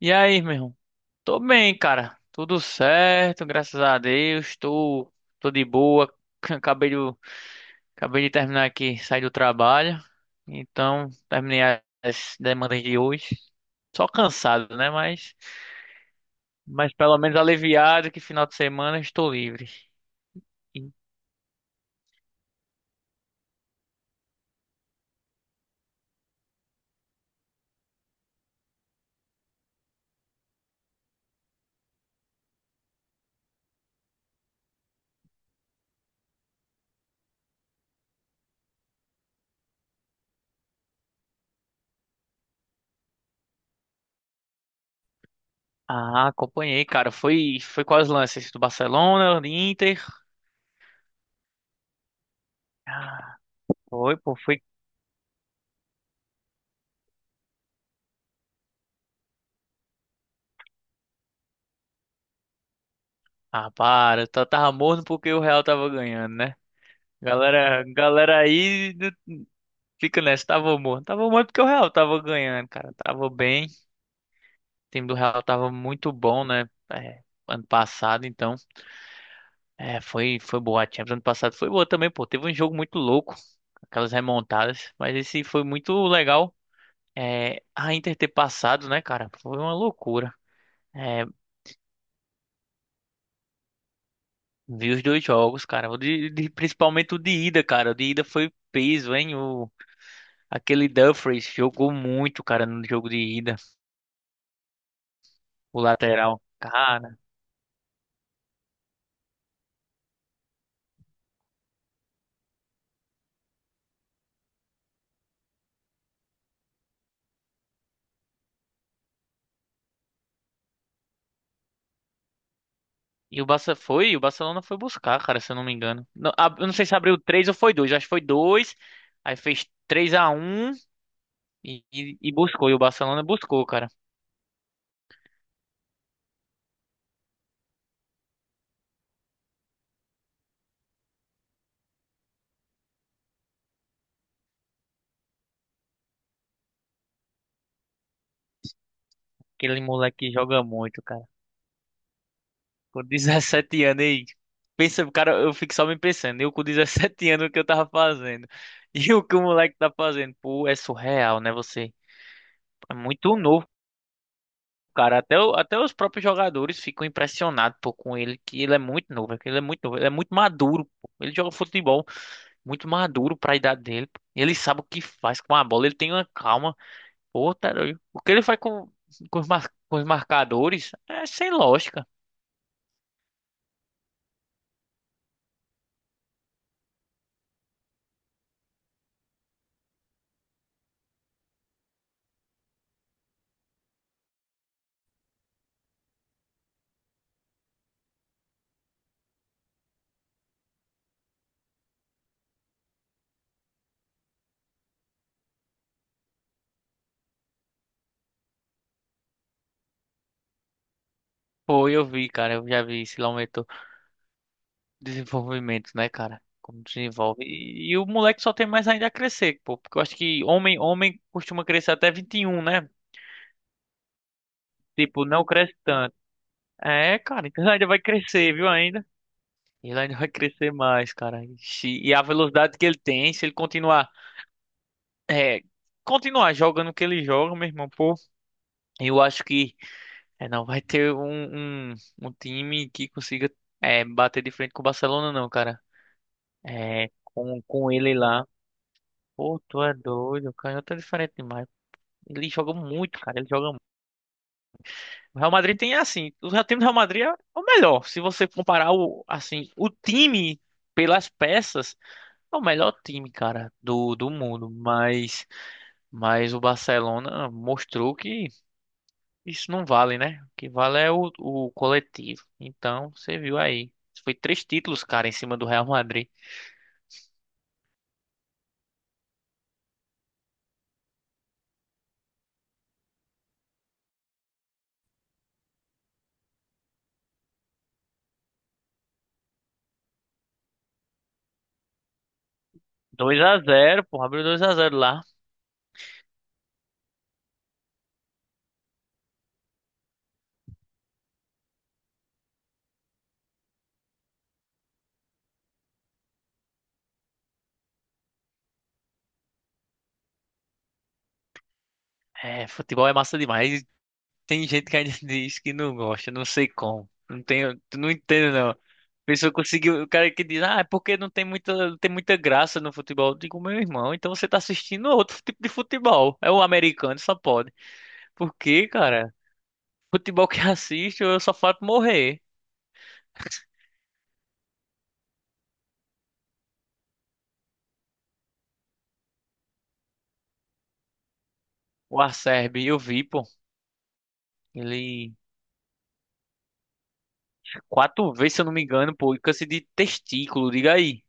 E aí, meu irmão? Tô bem, cara. Tudo certo, graças a Deus. Tô de boa. Acabei de, acabei de terminar aqui, sair do trabalho. Então, terminei as demandas de hoje. Só cansado, né? Mas pelo menos aliviado que final de semana estou livre. E- ah, acompanhei, cara. Foi quais lances? Do Barcelona, do Inter? Ah, foi, pô, foi. Ah, para. Tava morno porque o Real tava ganhando, né? Galera aí. Fica nessa, tava bom. Tava morto porque o Real tava ganhando, cara. Tava bem. O time do Real tava muito bom, né? É, ano passado, então. É, foi boa. A Champions ano passado foi boa também, pô. Teve um jogo muito louco. Aquelas remontadas. Mas esse foi muito legal. É, a Inter ter passado, né, cara? Foi uma loucura. É, vi os dois jogos, cara. Principalmente o de ida, cara. O de ida foi peso, hein? Aquele Dumfries jogou muito, cara, no jogo de ida. O lateral. Cara. E o Barça foi, o Barcelona foi buscar, cara, se eu não me engano. Não, eu não sei se abriu três ou foi dois, acho que foi dois. Aí fez 3 a um e buscou. E o Barcelona buscou, cara. Aquele moleque joga muito, cara. Com 17 anos aí. Pensa, cara, eu fico só me pensando. Eu com 17 anos, o que eu tava fazendo. E o que o moleque tá fazendo? Pô, é surreal, né? Você é muito novo, cara. Até os próprios jogadores ficam impressionados, pô, com ele, que ele é muito novo. É que Ele é muito novo, ele é muito maduro, pô. Ele joga futebol. Muito maduro pra idade dele. Ele sabe o que faz com a bola, ele tem uma calma. Pô, tá doido. O que ele faz com os marcadores é sem lógica. Pô, eu vi, cara, eu já vi esse aumento, desenvolvimento, né, cara? Como desenvolve. E o moleque só tem mais ainda a crescer, pô, porque eu acho que homem costuma crescer até 21, né? Tipo, não cresce tanto. É, cara, então ele ainda vai crescer, viu, ainda? Ele ainda vai crescer mais, cara. Ixi, e a velocidade que ele tem, se ele é, continuar jogando o que ele joga, meu irmão, pô, eu acho que é, não vai ter um time que consiga, é, bater de frente com o Barcelona, não, cara. É, com ele lá. Pô, tu é doido, o canhoto é diferente demais. Ele joga muito, cara, ele joga muito. O Real Madrid tem assim, o time do Real Madrid é o melhor. Se você comparar o, assim, o time pelas peças, é o melhor time, cara, do mundo. Mas o Barcelona mostrou que isso não vale, né? O que vale é o coletivo. Então, você viu aí. Foi três títulos, cara, em cima do Real Madrid. Dois a zero, porra, abriu dois a zero lá. É, futebol é massa demais. Tem gente que ainda diz que não gosta, não sei como. Não tenho, tu não entendo, não. A pessoa conseguiu, o cara que diz, ah, é porque não tem muita, não tem muita graça no futebol. Eu digo, meu irmão, então você tá assistindo outro tipo de futebol. É o americano, só pode. Por quê, cara? Futebol que assisto, eu só faço morrer. O Acerbi, eu vi, pô. Ele quatro vezes, se eu não me engano, pô, e câncer de testículo, diga aí.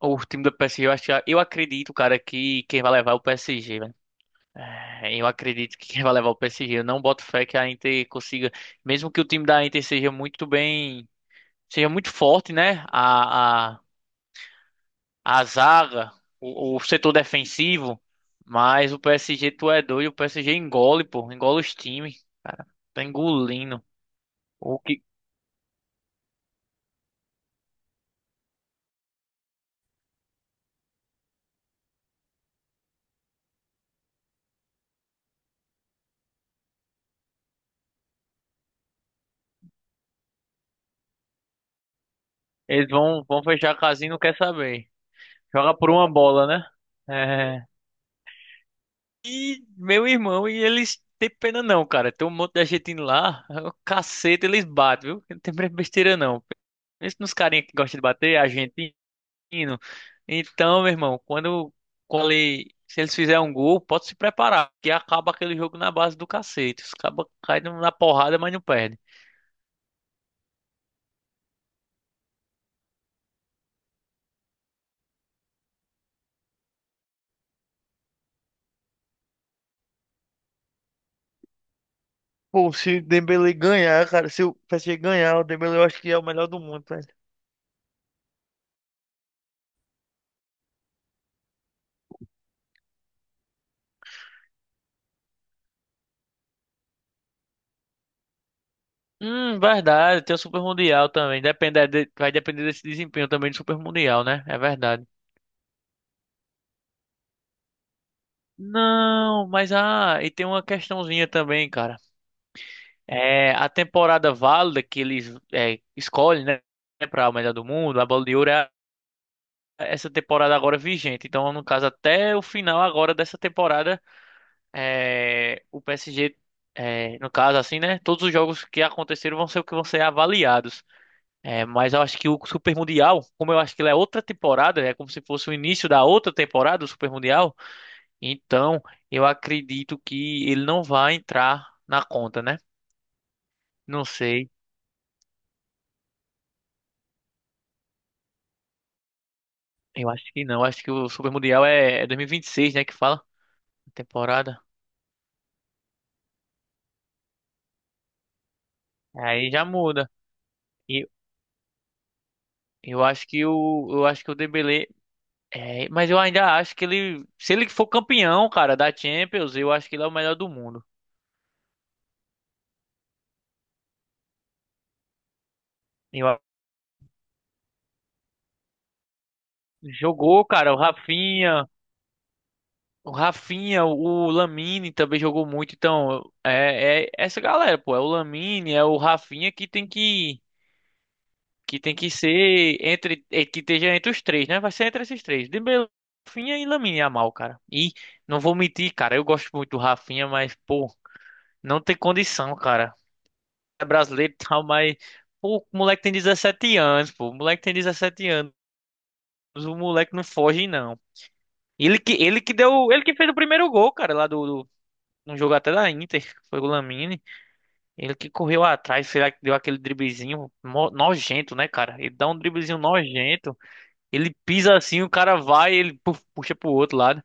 O time do PSG, eu acho, eu acredito, cara, que quem vai levar é o PSG, velho. É, eu acredito que quem vai levar é o PSG. Eu não boto fé que a Inter consiga, mesmo que o time da Inter seja muito bem, seja muito forte, né? A zaga, o setor defensivo, mas o PSG, tu é doido, o PSG engole, pô, engole os times, tá engolindo. O que eles vão fechar a casinha, e não quer saber. Joga por uma bola, né? É. E meu irmão, e eles têm pena não, cara. Tem um monte de argentino lá. O cacete, eles batem, viu? Não tem besteira não. Pensa nos carinha que gosta de bater, argentino. Então, meu irmão, quando se eles fizerem um gol, pode se preparar, que acaba aquele jogo na base do cacete. Os cabas caem na porrada, mas não perdem. Pô, se o Dembele ganhar, cara, se o PSG ganhar, o Dembele eu acho que é o melhor do mundo. Verdade, tem o Super Mundial também. Vai depender desse desempenho também do Super Mundial, né? É verdade. Não, mas ah, e tem uma questãozinha também, cara. É, a temporada válida que eles, é, escolhem, né, para o melhor do mundo, a Bola de Ouro, é essa temporada agora vigente. Então, no caso, até o final agora dessa temporada, é, o PSG, é, no caso, assim, né, todos os jogos que aconteceram vão ser o que vão ser avaliados. É, mas eu acho que o Super Mundial, como eu acho que ele é outra temporada, é como se fosse o início da outra temporada do Super Mundial, então eu acredito que ele não vai entrar na conta, né? Não sei, eu acho que não, acho que o Super Mundial é, é 2026, né, que fala a temporada. Aí já muda. E eu acho que o Dembélé, é, mas eu ainda acho que ele, se ele for campeão, cara, da Champions, eu acho que ele é o melhor do mundo. Eu a- Jogou, cara, o Rafinha. O Rafinha, o Lamine também jogou muito, então é, é essa galera, pô, é o Lamine, é o Rafinha que tem que ser entre, é, que esteja entre os três, né? Vai ser entre esses três, Dembélé, Rafinha e Lamine Yamal, cara. E não vou mentir, cara, eu gosto muito do Rafinha, mas pô, não tem condição, cara. É brasileiro e tal, mas pô, o moleque tem 17 anos, o moleque não foge não. Ele que deu, ele que fez o primeiro gol, cara, lá do no jogo até da Inter, foi o Lamine. Ele que correu atrás, será que deu aquele nojento, né, cara? Ele dá um driblezinho nojento. Ele pisa assim, o cara vai, ele puf, puxa pro outro lado.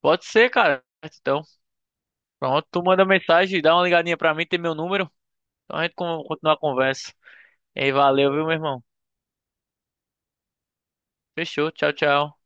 Pode ser, cara. Então, pronto, tu manda mensagem, dá uma ligadinha pra mim, tem meu número. Então a gente continua a conversa. E aí, valeu, viu, meu irmão? Fechou, tchau, tchau.